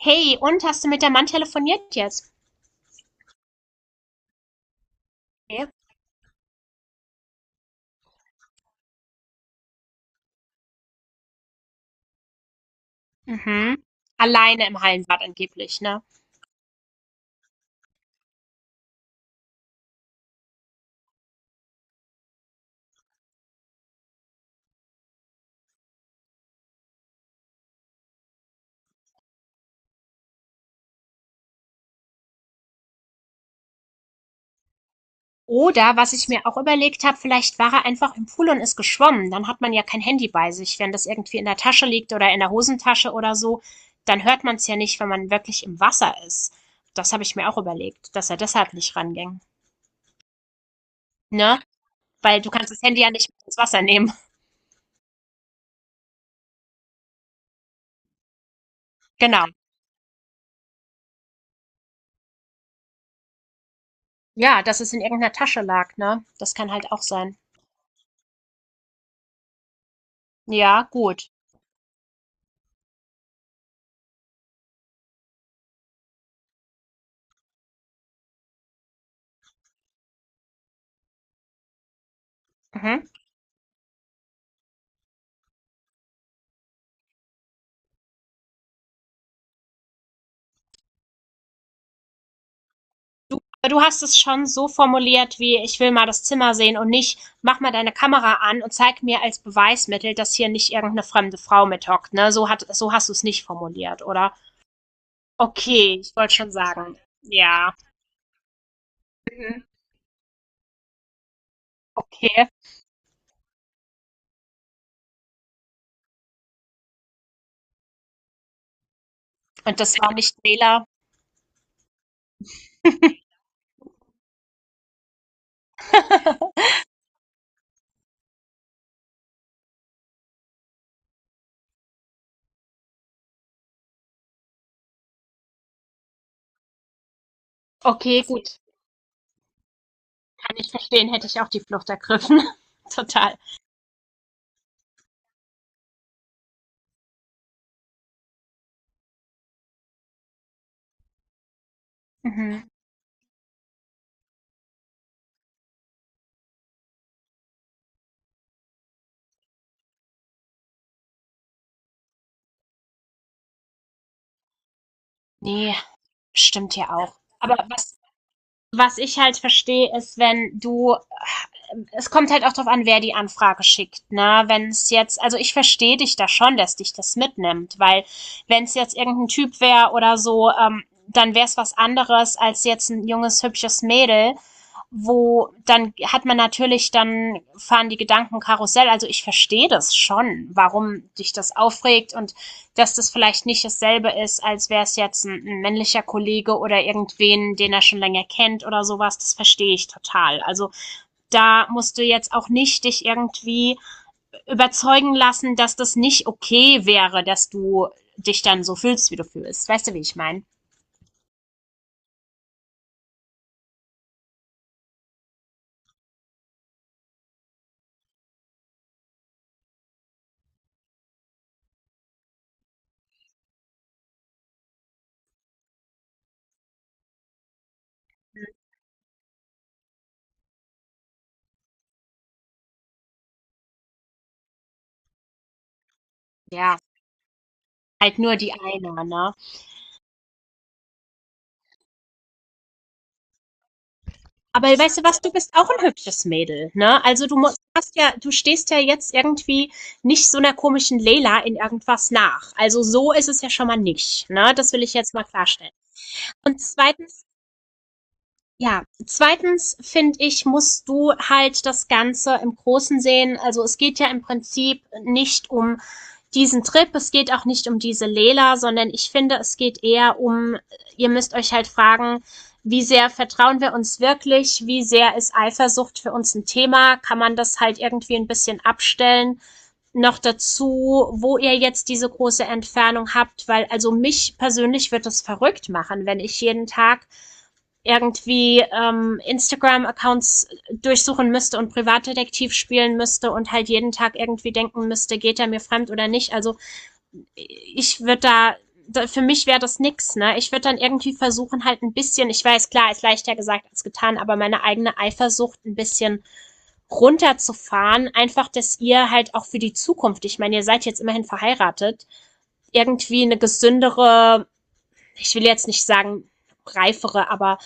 Hey, und hast du mit der Mann telefoniert jetzt? Okay. Mhm. Alleine im Hallenbad angeblich, ne? Oder was ich mir auch überlegt habe, vielleicht war er einfach im Pool und ist geschwommen. Dann hat man ja kein Handy bei sich. Wenn das irgendwie in der Tasche liegt oder in der Hosentasche oder so, dann hört man es ja nicht, wenn man wirklich im Wasser ist. Das habe ich mir auch überlegt, dass er deshalb nicht ranging. Ne? Weil du kannst das Handy ja nicht mit ins Wasser nehmen. Genau. Ja, dass es in irgendeiner Tasche lag, ne? Das kann halt auch sein. Ja, gut. Mhm. Du, du hast es schon so formuliert wie ich will mal das Zimmer sehen und nicht mach mal deine Kamera an und zeig mir als Beweismittel, dass hier nicht irgendeine fremde Frau mithockt, ne? So hast du es nicht formuliert, oder? Okay, ich wollte schon sagen. Ja. Mhm. Okay. Und das war nicht Wähler. Okay, gut. Kann ich verstehen, hätte ich auch die Flucht ergriffen. Total. Mhm. Nee, stimmt ja auch. Aber was ich halt verstehe, ist, wenn du, es kommt halt auch drauf an, wer die Anfrage schickt, ne? Wenn es jetzt, also ich verstehe dich da schon, dass dich das mitnimmt, weil wenn es jetzt irgendein Typ wäre oder so, dann wäre es was anderes als jetzt ein junges, hübsches Mädel, wo dann hat man natürlich, dann fahren die Gedanken Karussell. Also ich verstehe das schon, warum dich das aufregt und dass das vielleicht nicht dasselbe ist, als wäre es jetzt ein männlicher Kollege oder irgendwen, den er schon länger kennt oder sowas, das verstehe ich total. Also da musst du jetzt auch nicht dich irgendwie überzeugen lassen, dass das nicht okay wäre, dass du dich dann so fühlst, wie du fühlst. Weißt du, wie ich meine? Ja, halt nur die eine, ne? Aber weißt du was, du bist auch ein hübsches Mädel, ne? Also du mu- hast ja, du stehst ja jetzt irgendwie nicht so einer komischen Leila in irgendwas nach. Also so ist es ja schon mal nicht, ne? Das will ich jetzt mal klarstellen. Und zweitens, ja, zweitens finde ich, musst du halt das Ganze im Großen sehen. Also es geht ja im Prinzip nicht um diesen Trip, es geht auch nicht um diese Lela, sondern ich finde, es geht eher um, ihr müsst euch halt fragen, wie sehr vertrauen wir uns wirklich, wie sehr ist Eifersucht für uns ein Thema, kann man das halt irgendwie ein bisschen abstellen. Noch dazu, wo ihr jetzt diese große Entfernung habt, weil also mich persönlich wird das verrückt machen, wenn ich jeden Tag irgendwie Instagram-Accounts durchsuchen müsste und Privatdetektiv spielen müsste und halt jeden Tag irgendwie denken müsste, geht er mir fremd oder nicht. Also ich würde da, für mich wäre das nix, ne? Ich würde dann irgendwie versuchen, halt ein bisschen, ich weiß, klar, ist leichter gesagt als getan, aber meine eigene Eifersucht ein bisschen runterzufahren, einfach, dass ihr halt auch für die Zukunft, ich meine, ihr seid jetzt immerhin verheiratet, irgendwie eine gesündere, ich will jetzt nicht sagen reifere, aber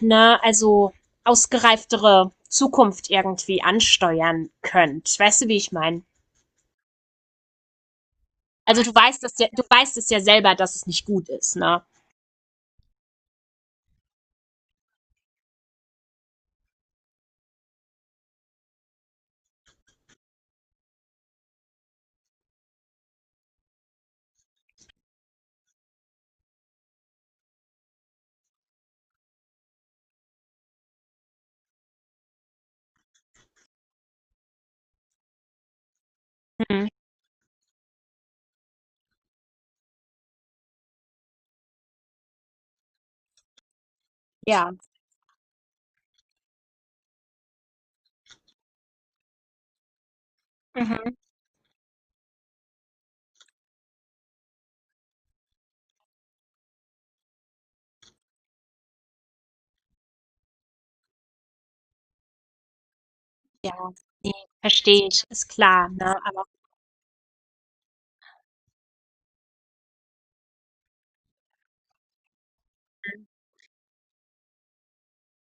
na, also ausgereiftere Zukunft irgendwie ansteuern könnt. Weißt du, wie ich meine? Also du weißt das ja, du weißt es ja selber, dass es nicht gut ist, ne? Mhm. Ja. Mhm. Ja. Nee, verstehe ich, ist klar, ne? Aber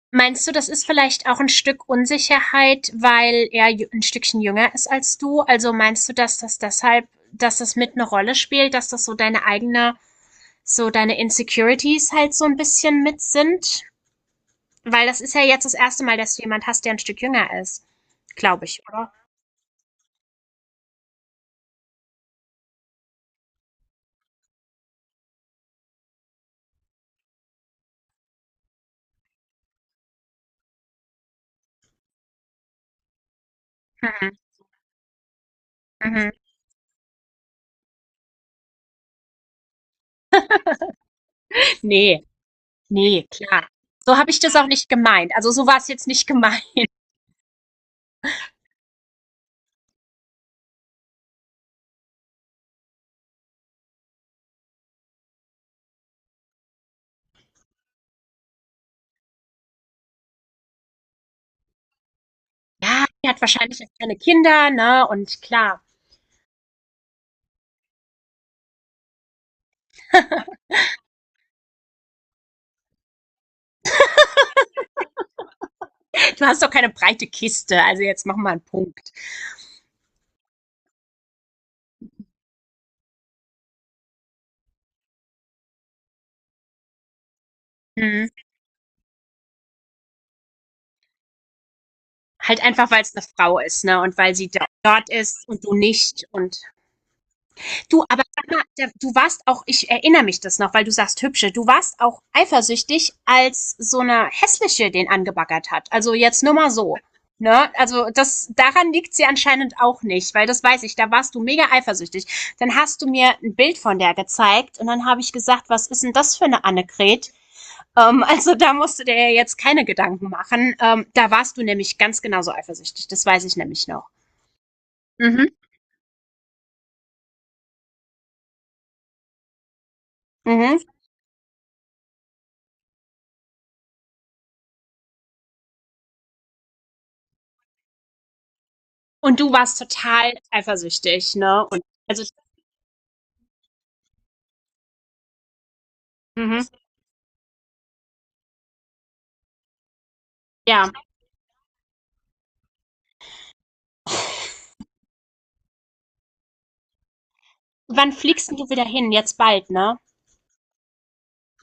meinst du, das ist vielleicht auch ein Stück Unsicherheit, weil er jü- ein Stückchen jünger ist als du? Also meinst du, dass das deshalb, dass das mit eine Rolle spielt, dass das so deine eigene, so deine Insecurities halt so ein bisschen mit sind? Weil das ist ja jetzt das erste Mal, dass du jemand hast, der ein Stück jünger ist. Glaube ich, oder? Mhm. Mhm. Nee, nee, klar. So habe ich das auch nicht gemeint. Also so war es jetzt nicht gemeint. Ja, die hat wahrscheinlich jetzt keine Kinder, ne? Und klar, du hast doch keine breite Kiste. Also jetzt mach mal einen Punkt. Mhm. Halt einfach, weil es eine Frau ist, ne? Und weil sie do- dort ist und du nicht. Und du, aber sag mal, da- du warst auch, ich erinnere mich das noch, weil du sagst hübsche, du warst auch eifersüchtig, als so eine hässliche den angebaggert hat. Also jetzt nur mal so. Ne? Also das, daran liegt sie anscheinend auch nicht, weil das weiß ich, da warst du mega eifersüchtig. Dann hast du mir ein Bild von der gezeigt und dann habe ich gesagt, was ist denn das für eine Annegret? Also da musst du dir ja jetzt keine Gedanken machen. Da warst du nämlich ganz genauso eifersüchtig, das weiß ich nämlich noch. Mhm. Mhm. Und du warst total eifersüchtig, ne? Und also, mhm, ja. Wann fliegst denn du wieder hin? Jetzt bald, ne?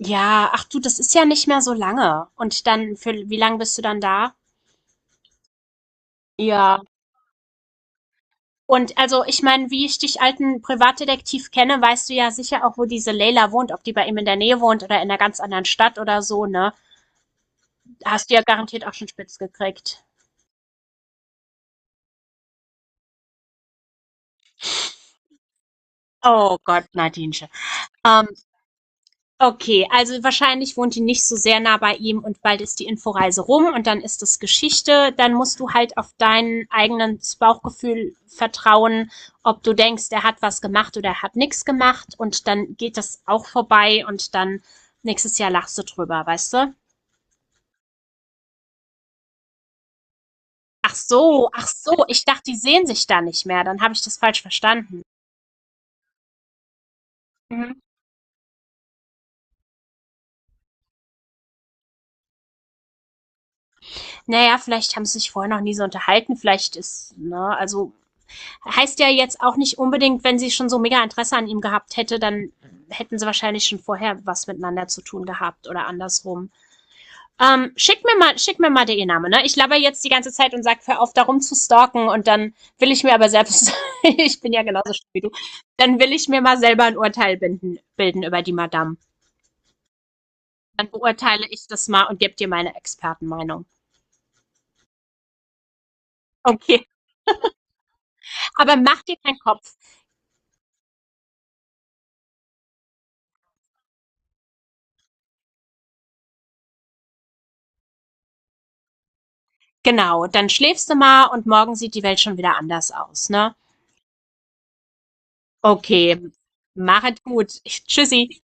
Ja, ach du, das ist ja nicht mehr so lange. Und dann, für wie lange bist du dann da? Ja. Und also, ich meine, wie ich dich alten Privatdetektiv kenne, weißt du ja sicher auch, wo diese Leila wohnt, ob die bei ihm in der Nähe wohnt oder in einer ganz anderen Stadt oder so, ne? Hast du ja garantiert auch schon spitz gekriegt. Oh Gott, Nadinchen. Ähm, Okay, also wahrscheinlich wohnt die nicht so sehr nah bei ihm und bald ist die Inforeise rum und dann ist das Geschichte. Dann musst du halt auf dein eigenes Bauchgefühl vertrauen, ob du denkst, er hat was gemacht oder er hat nichts gemacht und dann geht das auch vorbei und dann nächstes Jahr lachst du drüber, weißt du? Ach so, ich dachte, die sehen sich da nicht mehr, dann habe ich das falsch verstanden. Mhm. Naja, vielleicht haben sie sich vorher noch nie so unterhalten, vielleicht ist, ne, also heißt ja jetzt auch nicht unbedingt, wenn sie schon so mega Interesse an ihm gehabt hätte, dann hätten sie wahrscheinlich schon vorher was miteinander zu tun gehabt oder andersrum. Schick mir mal, schick mir mal den Namen, ne? Ich laber jetzt die ganze Zeit und sag, hör auf, darum zu stalken und dann will ich mir aber selbst, ich bin ja genauso schlimm wie du, dann will ich mir mal selber ein Urteil bilden über die Madame. Dann beurteile ich das mal und gebe dir meine Expertenmeinung. Okay, aber mach dir keinen Kopf. Genau, dann schläfst du mal und morgen sieht die Welt schon wieder anders aus, ne? Okay, machet gut. Tschüssi.